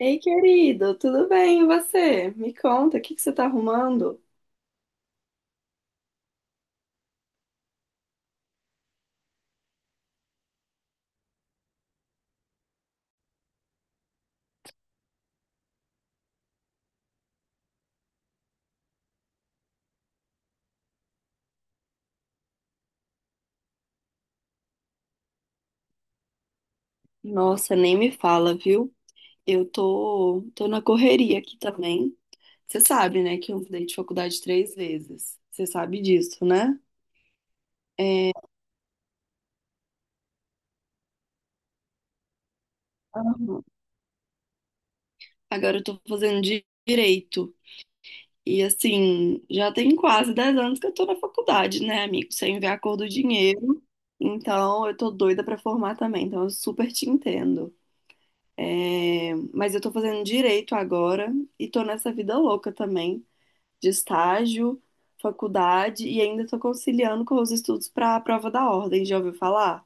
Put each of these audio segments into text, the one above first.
Ei, querido, tudo bem? E você? Me conta, o que que você tá arrumando? Nossa, nem me fala, viu? Eu tô na correria aqui também. Você sabe, né, que eu mudei de faculdade 3 vezes. Você sabe disso, né? Aham. Agora eu tô fazendo direito. E assim, já tem quase 10 anos que eu tô na faculdade, né, amigo? Sem ver a cor do dinheiro. Então, eu tô doida pra formar também. Então, eu super te entendo. É, mas eu tô fazendo direito agora e tô nessa vida louca também, de estágio, faculdade e ainda tô conciliando com os estudos para a prova da ordem, já ouviu falar?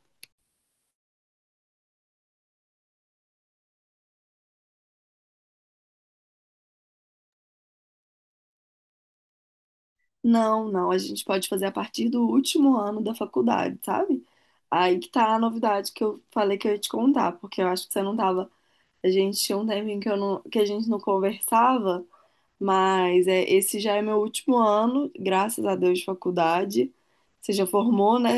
Não, não, a gente pode fazer a partir do último ano da faculdade, sabe? Aí que tá a novidade que eu falei que eu ia te contar, porque eu acho que você não tava. A gente tinha um tempinho que, eu não, que a gente não conversava, mas é, esse já é meu último ano, graças a Deus, de faculdade. Você já formou, né?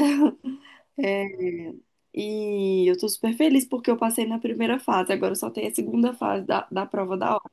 E eu tô super feliz porque eu passei na primeira fase, agora só tem a segunda fase da prova da hora.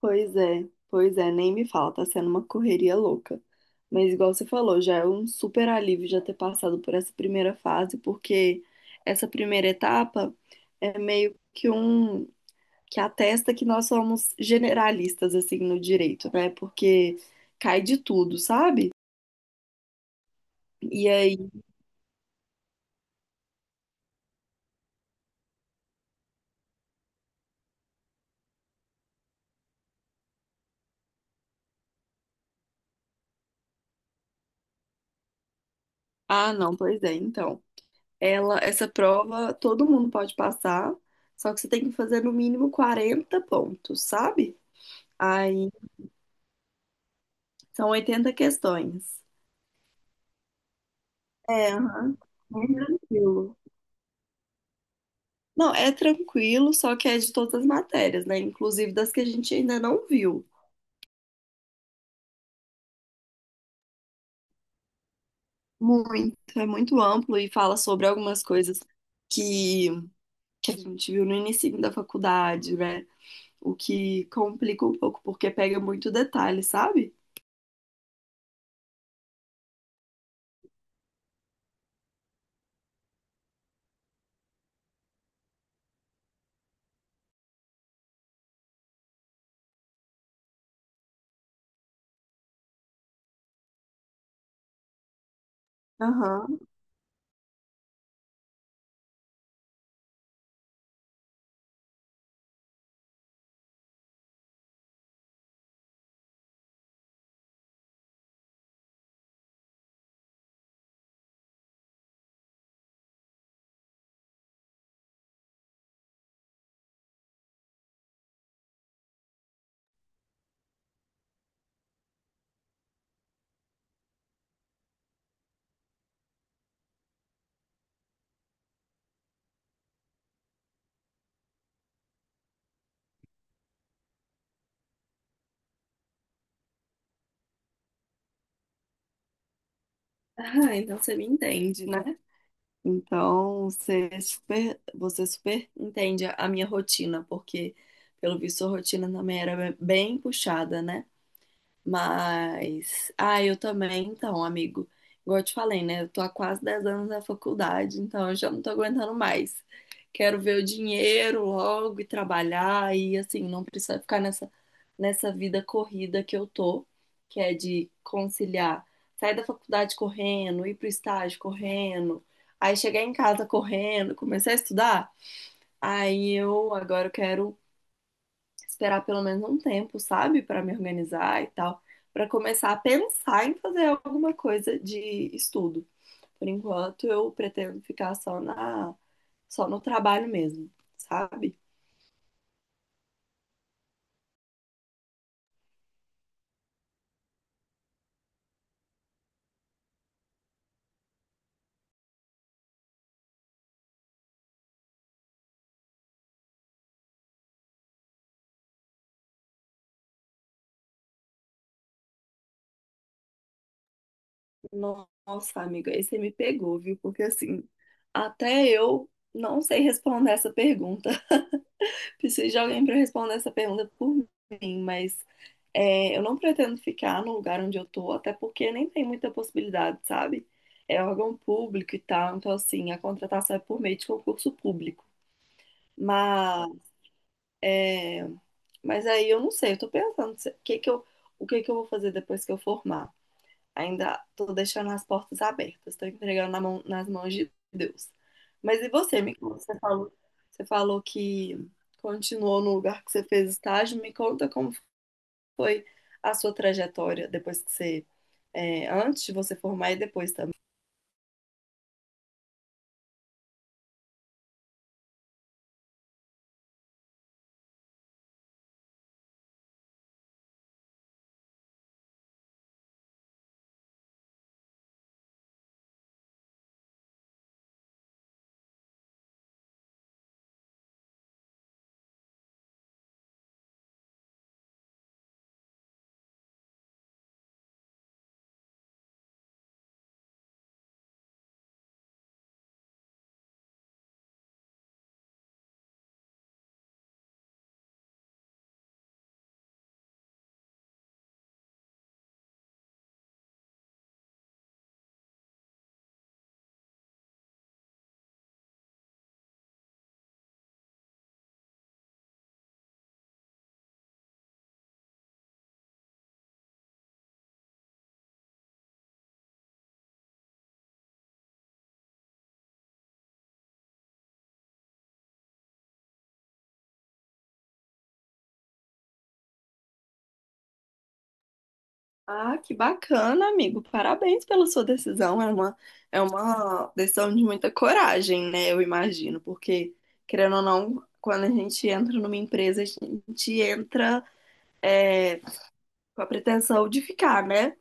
Pois é, nem me fala, tá sendo uma correria louca. Mas igual você falou, já é um super alívio já ter passado por essa primeira fase, porque essa primeira etapa é meio que um que atesta que nós somos generalistas assim no direito, né? Porque cai de tudo, sabe? E aí, ah, não, pois é, então. Ela, essa prova todo mundo pode passar, só que você tem que fazer no mínimo 40 pontos, sabe? Aí são 80 questões. É, aham. Bem tranquilo. Não, é tranquilo, só que é de todas as matérias, né? Inclusive das que a gente ainda não viu. Muito, é muito amplo e fala sobre algumas coisas que, que a gente viu no início da faculdade, né? O que complica um pouco, porque pega muito detalhe, sabe? Aham. Ah, então você me entende, né? Então, você é super, você super entende a minha rotina, porque, pelo visto, a rotina também era bem puxada, né? Mas, ah, eu também, então, amigo. Igual eu te falei, né? Eu tô há quase 10 anos na faculdade, então eu já não tô aguentando mais. Quero ver o dinheiro logo e trabalhar e, assim, não precisar ficar nessa vida corrida que eu tô, que é de conciliar sair da faculdade correndo, ir pro estágio correndo, aí chegar em casa correndo, começar a estudar. Aí eu agora eu quero esperar pelo menos um tempo, sabe, para me organizar e tal, para começar a pensar em fazer alguma coisa de estudo. Por enquanto, eu pretendo ficar só no trabalho mesmo, sabe? Nossa, amiga, aí você me pegou, viu? Porque assim, até eu não sei responder essa pergunta. Preciso de alguém para responder essa pergunta por mim, mas é, eu não pretendo ficar no lugar onde eu tô, até porque nem tem muita possibilidade, sabe? É órgão público e tal, então assim, a contratação é por meio de concurso público. Mas, é, mas aí eu não sei, eu tô pensando o que que eu, o que que eu vou fazer depois que eu formar. Ainda tô deixando as portas abertas, tô entregando nas mãos de Deus. Mas e você, me conta, você falou que continuou no lugar que você fez estágio. Me conta como foi a sua trajetória depois que você, é, antes de você formar e depois também. Ah, que bacana, amigo. Parabéns pela sua decisão. É uma decisão de muita coragem, né? Eu imagino, porque, querendo ou não, quando a gente entra numa empresa, a gente entra é, com a pretensão de ficar, né?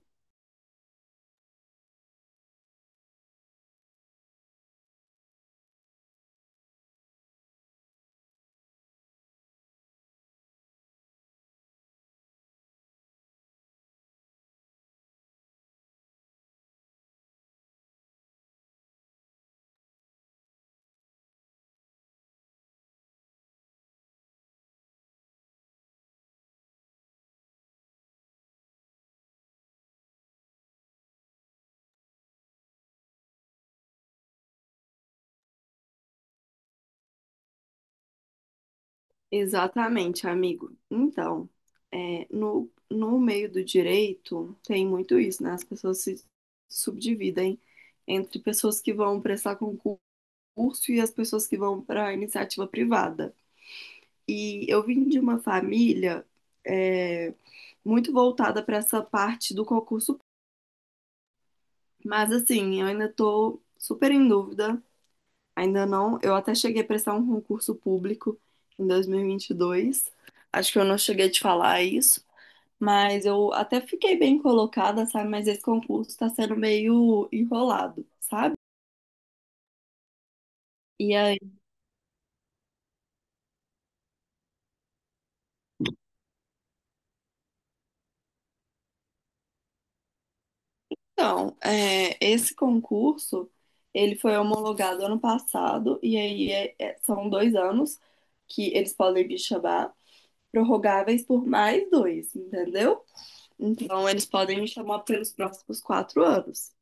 Exatamente, amigo. Então, é, no meio do direito tem muito isso, né? As pessoas se subdividem entre pessoas que vão prestar concurso e as pessoas que vão para iniciativa privada. E eu vim de uma família é, muito voltada para essa parte do concurso, mas assim, eu ainda tô super em dúvida. Ainda não. Eu até cheguei a prestar um concurso público em 2022. Acho que eu não cheguei a te falar isso, mas eu até fiquei bem colocada, sabe? Mas esse concurso está sendo meio enrolado, sabe? E aí, então, é, esse concurso, ele foi homologado ano passado, e aí são 2 anos que eles podem me chamar, prorrogáveis por mais dois, entendeu? Então, eles podem me chamar pelos próximos 4 anos.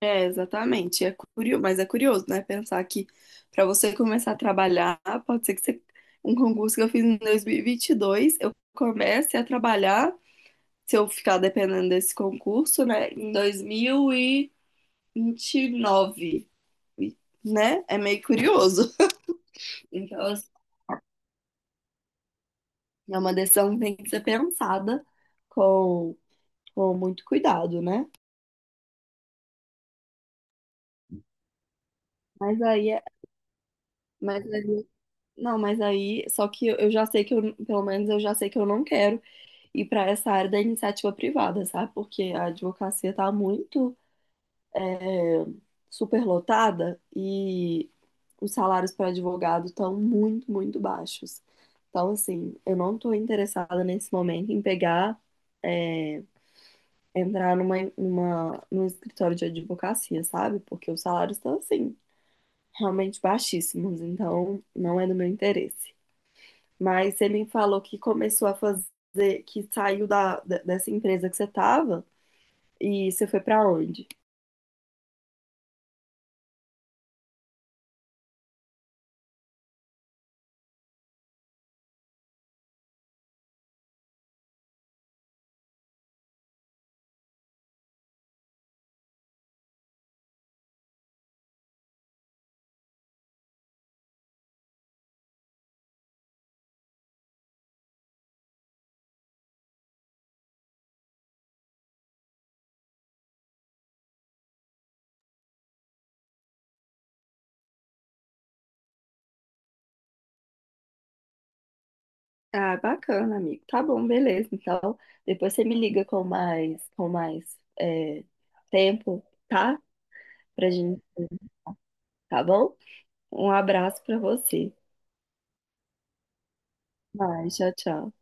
É, exatamente. É curioso, mas é curioso, né? Pensar que para você começar a trabalhar, pode ser um concurso que eu fiz em 2022, eu comece a trabalhar, se eu ficar dependendo desse concurso, né, em 2029, E, 29, né? É meio curioso. Então, assim, é uma decisão que tem que ser pensada com, com muito cuidado, né? Mas aí, é- mas aí, não, mas aí, só que eu já sei que eu, pelo menos eu já sei que eu não quero e para essa área da iniciativa privada, sabe? Porque a advocacia está muito é, superlotada e os salários para advogado estão muito, muito baixos. Então, assim, eu não estou interessada nesse momento em pegar, é, entrar num escritório de advocacia, sabe? Porque os salários estão, assim, realmente baixíssimos. Então, não é do meu interesse. Mas você me falou que começou a fazer, que saiu dessa empresa que você estava. E você foi pra onde? Ah, bacana, amigo. Tá bom, beleza. Então, depois você me liga com mais é, tempo, tá? Pra gente, tá bom? Um abraço pra você. Vai, tchau, tchau.